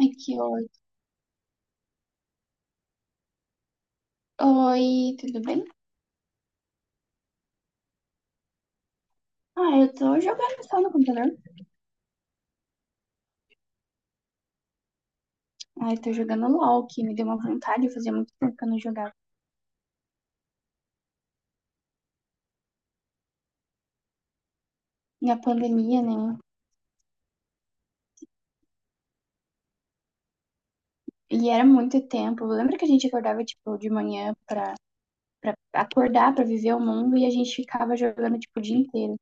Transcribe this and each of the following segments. Ai, que ódio. Oi, tudo bem? Ah, eu tô jogando só no computador. Ai, tô jogando LOL, que me deu uma vontade, fazia muito tempo que eu não jogava. Na pandemia, né? E era muito tempo. Lembra que a gente acordava, tipo, de manhã pra acordar, pra viver o mundo, e a gente ficava jogando, tipo, o dia inteiro.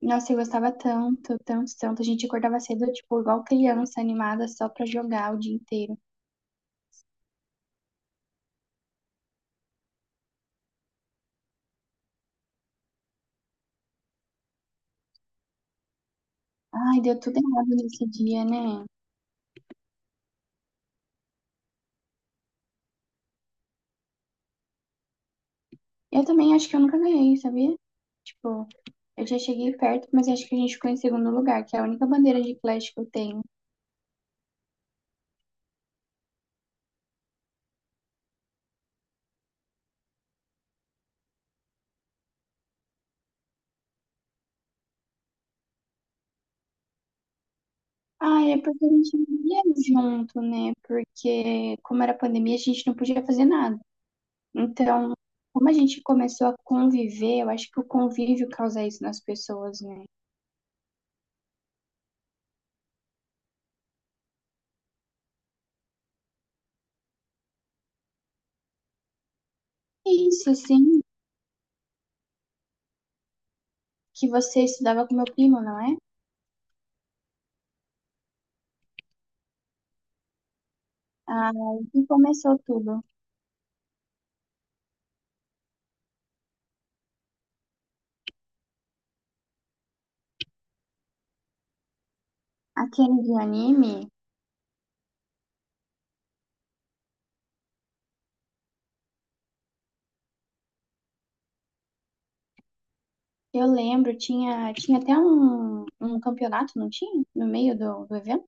Nossa, eu gostava tanto, tanto, tanto. A gente acordava cedo, tipo, igual criança animada, só pra jogar o dia inteiro. Ai, deu tudo errado nesse dia, né? Eu também acho que eu nunca ganhei, sabia? Tipo, eu já cheguei perto, mas acho que a gente ficou em segundo lugar, que é a única bandeira de flash que eu tenho. Ah, é porque a gente não ia junto, né? Porque, como era pandemia, a gente não podia fazer nada. Então, como a gente começou a conviver, eu acho que o convívio causa isso nas pessoas, né? E isso, assim, que você estudava com meu primo, não é? Ah, e começou tudo. Aquele de anime. Eu lembro, tinha até um campeonato, não tinha? No meio do evento?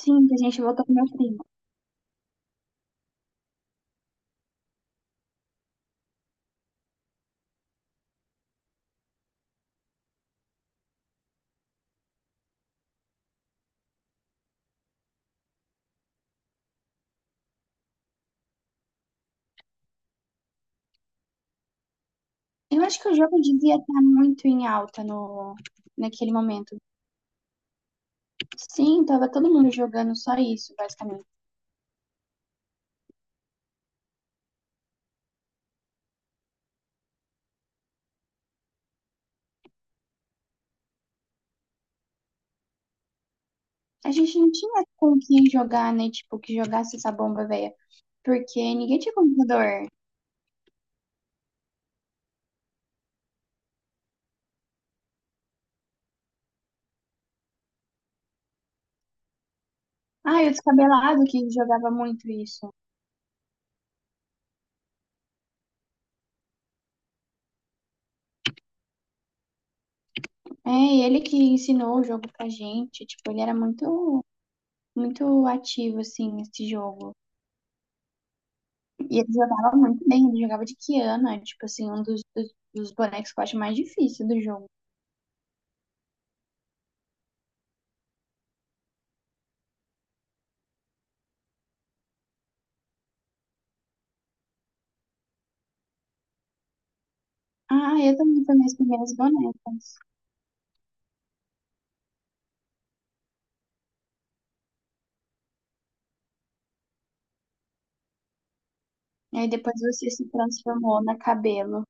Sim, que a gente voltou com meu primo. Eu acho que o jogo devia estar muito em alta no, naquele momento. Sim, tava todo mundo jogando só isso, basicamente. A gente não tinha com quem jogar, né? Tipo, que jogasse essa bomba, velha. Porque ninguém tinha computador. Ah, e o descabelado que jogava muito isso. É, e ele que ensinou o jogo pra gente. Tipo, ele era muito, muito ativo, assim, nesse jogo. E ele jogava muito bem, ele jogava de Kiana, tipo assim, um dos bonecos que eu acho mais difícil do jogo. Ah, eu também fui minhas primeiras bonecas. E aí depois você se transformou na cabelo.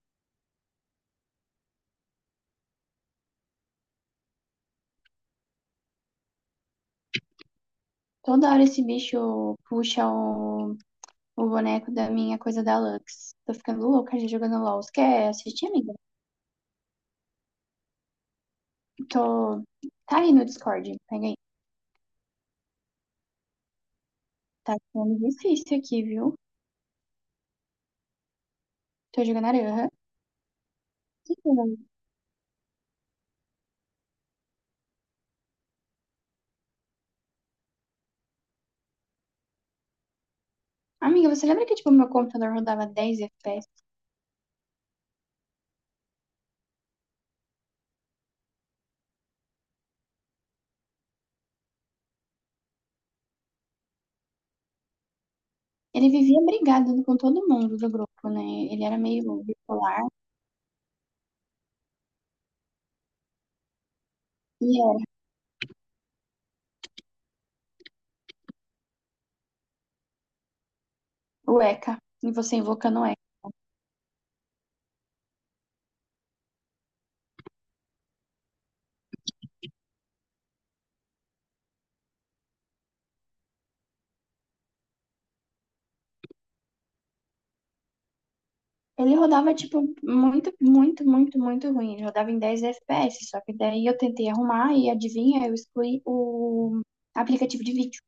Toda hora esse bicho puxa o boneco da minha coisa da Lux. Tô ficando louca já jogando LOL. Você quer assistir, amiga? Tô. Tá aí no Discord, pega aí. Tá ficando difícil aqui, viu? Tô jogando Aranha. Amiga, você lembra que tipo, meu computador rodava 10 FPS? Ele vivia brigado com todo mundo do grupo, né? Ele era meio bipolar e era o ECA, e você invocando o ECA. Ele rodava, tipo, muito, muito, muito, muito ruim. Ele rodava em 10 FPS, só que daí eu tentei arrumar e adivinha, eu excluí o aplicativo de vídeo.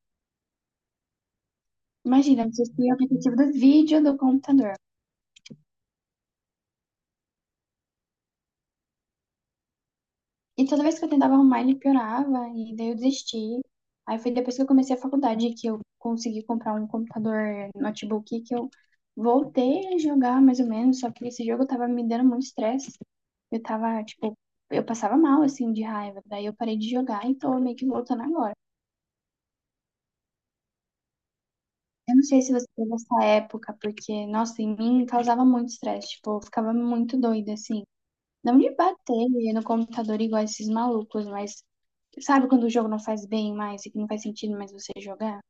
Imagina, você excluir o aplicativo do vídeo do computador. E toda vez que eu tentava arrumar, ele piorava, e daí eu desisti. Aí foi depois que eu comecei a faculdade que eu consegui comprar um computador notebook que eu voltei a jogar mais ou menos, só que esse jogo tava me dando muito estresse. Eu tava, tipo, eu passava mal assim de raiva. Daí eu parei de jogar e tô meio que voltando agora. Eu não sei se você teve essa época, porque, nossa, em mim causava muito estresse, tipo, eu ficava muito doida assim. Não de bater no computador igual esses malucos, mas sabe quando o jogo não faz bem mais e que não faz sentido mais você jogar?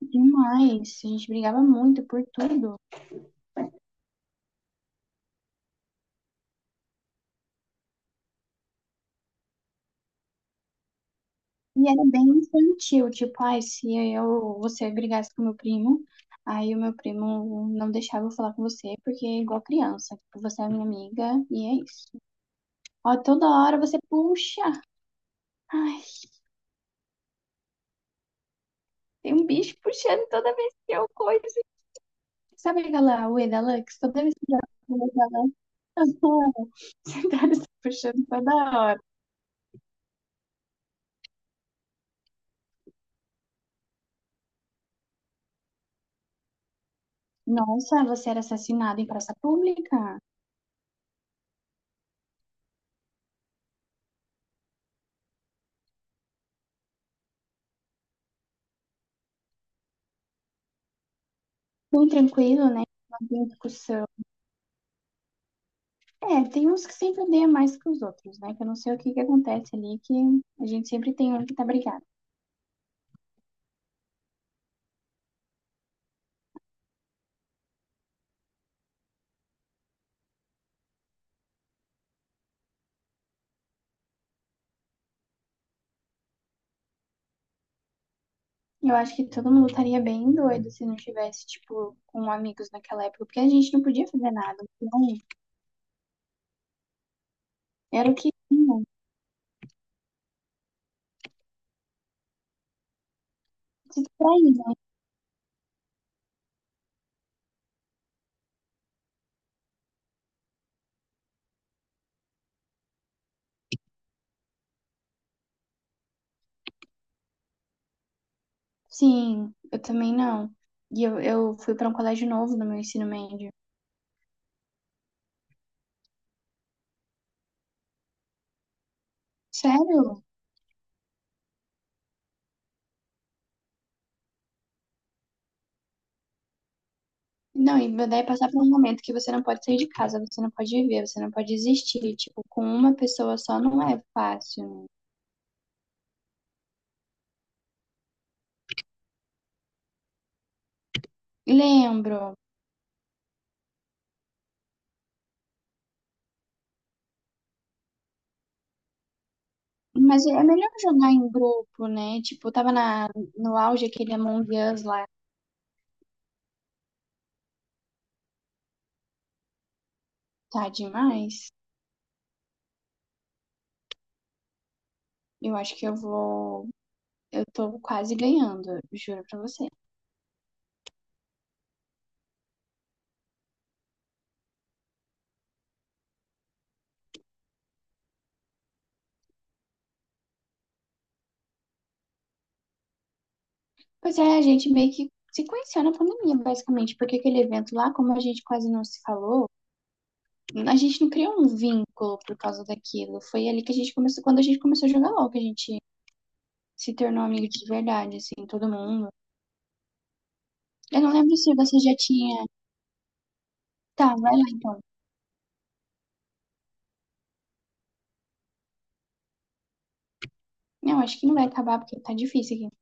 Demais. A gente brigava muito por tudo. E era bem infantil, tipo, ai, se você brigasse com meu primo, aí o meu primo não deixava eu falar com você, porque é igual criança, tipo, você é minha amiga e é isso. Ó, toda hora você puxa. Ai, tem um bicho puxando toda vez que eu coiso. Sabe aquela Ueda Lux? Toda vez que eu coiso, ela Esse cara tá puxando toda hora. Nossa, você era assassinado em praça pública? Bem tranquilo, né? Não tem discussão. É, tem uns que sempre odeiam mais que os outros, né? Que eu não sei o que que acontece ali, que a gente sempre tem um que tá brigado. Eu acho que todo mundo estaria bem doido se não tivesse, tipo, com amigos naquela época, porque a gente não podia fazer nada. Então, era o que tinha. Se distrair, né? Sim, eu também não. E eu fui pra um colégio novo no meu ensino médio. Sério? Não, e daí passar por um momento que você não pode sair de casa, você não pode viver, você não pode existir. Tipo, com uma pessoa só não é fácil. Lembro. Mas é melhor jogar em grupo, né? Tipo, eu tava no auge aquele Among Us lá. Tá demais. Eu acho que eu vou. Eu tô quase ganhando, juro pra você. Pois é, a gente meio que se conheceu na pandemia, basicamente, porque aquele evento lá, como a gente quase não se falou. A gente não criou um vínculo por causa daquilo. Foi ali que a gente começou, quando a gente começou a jogar LOL, que a gente se tornou amigo de verdade, assim, todo mundo. Eu não lembro se você já tinha. Tá, vai lá então. Não, acho que não vai acabar, porque tá difícil aqui.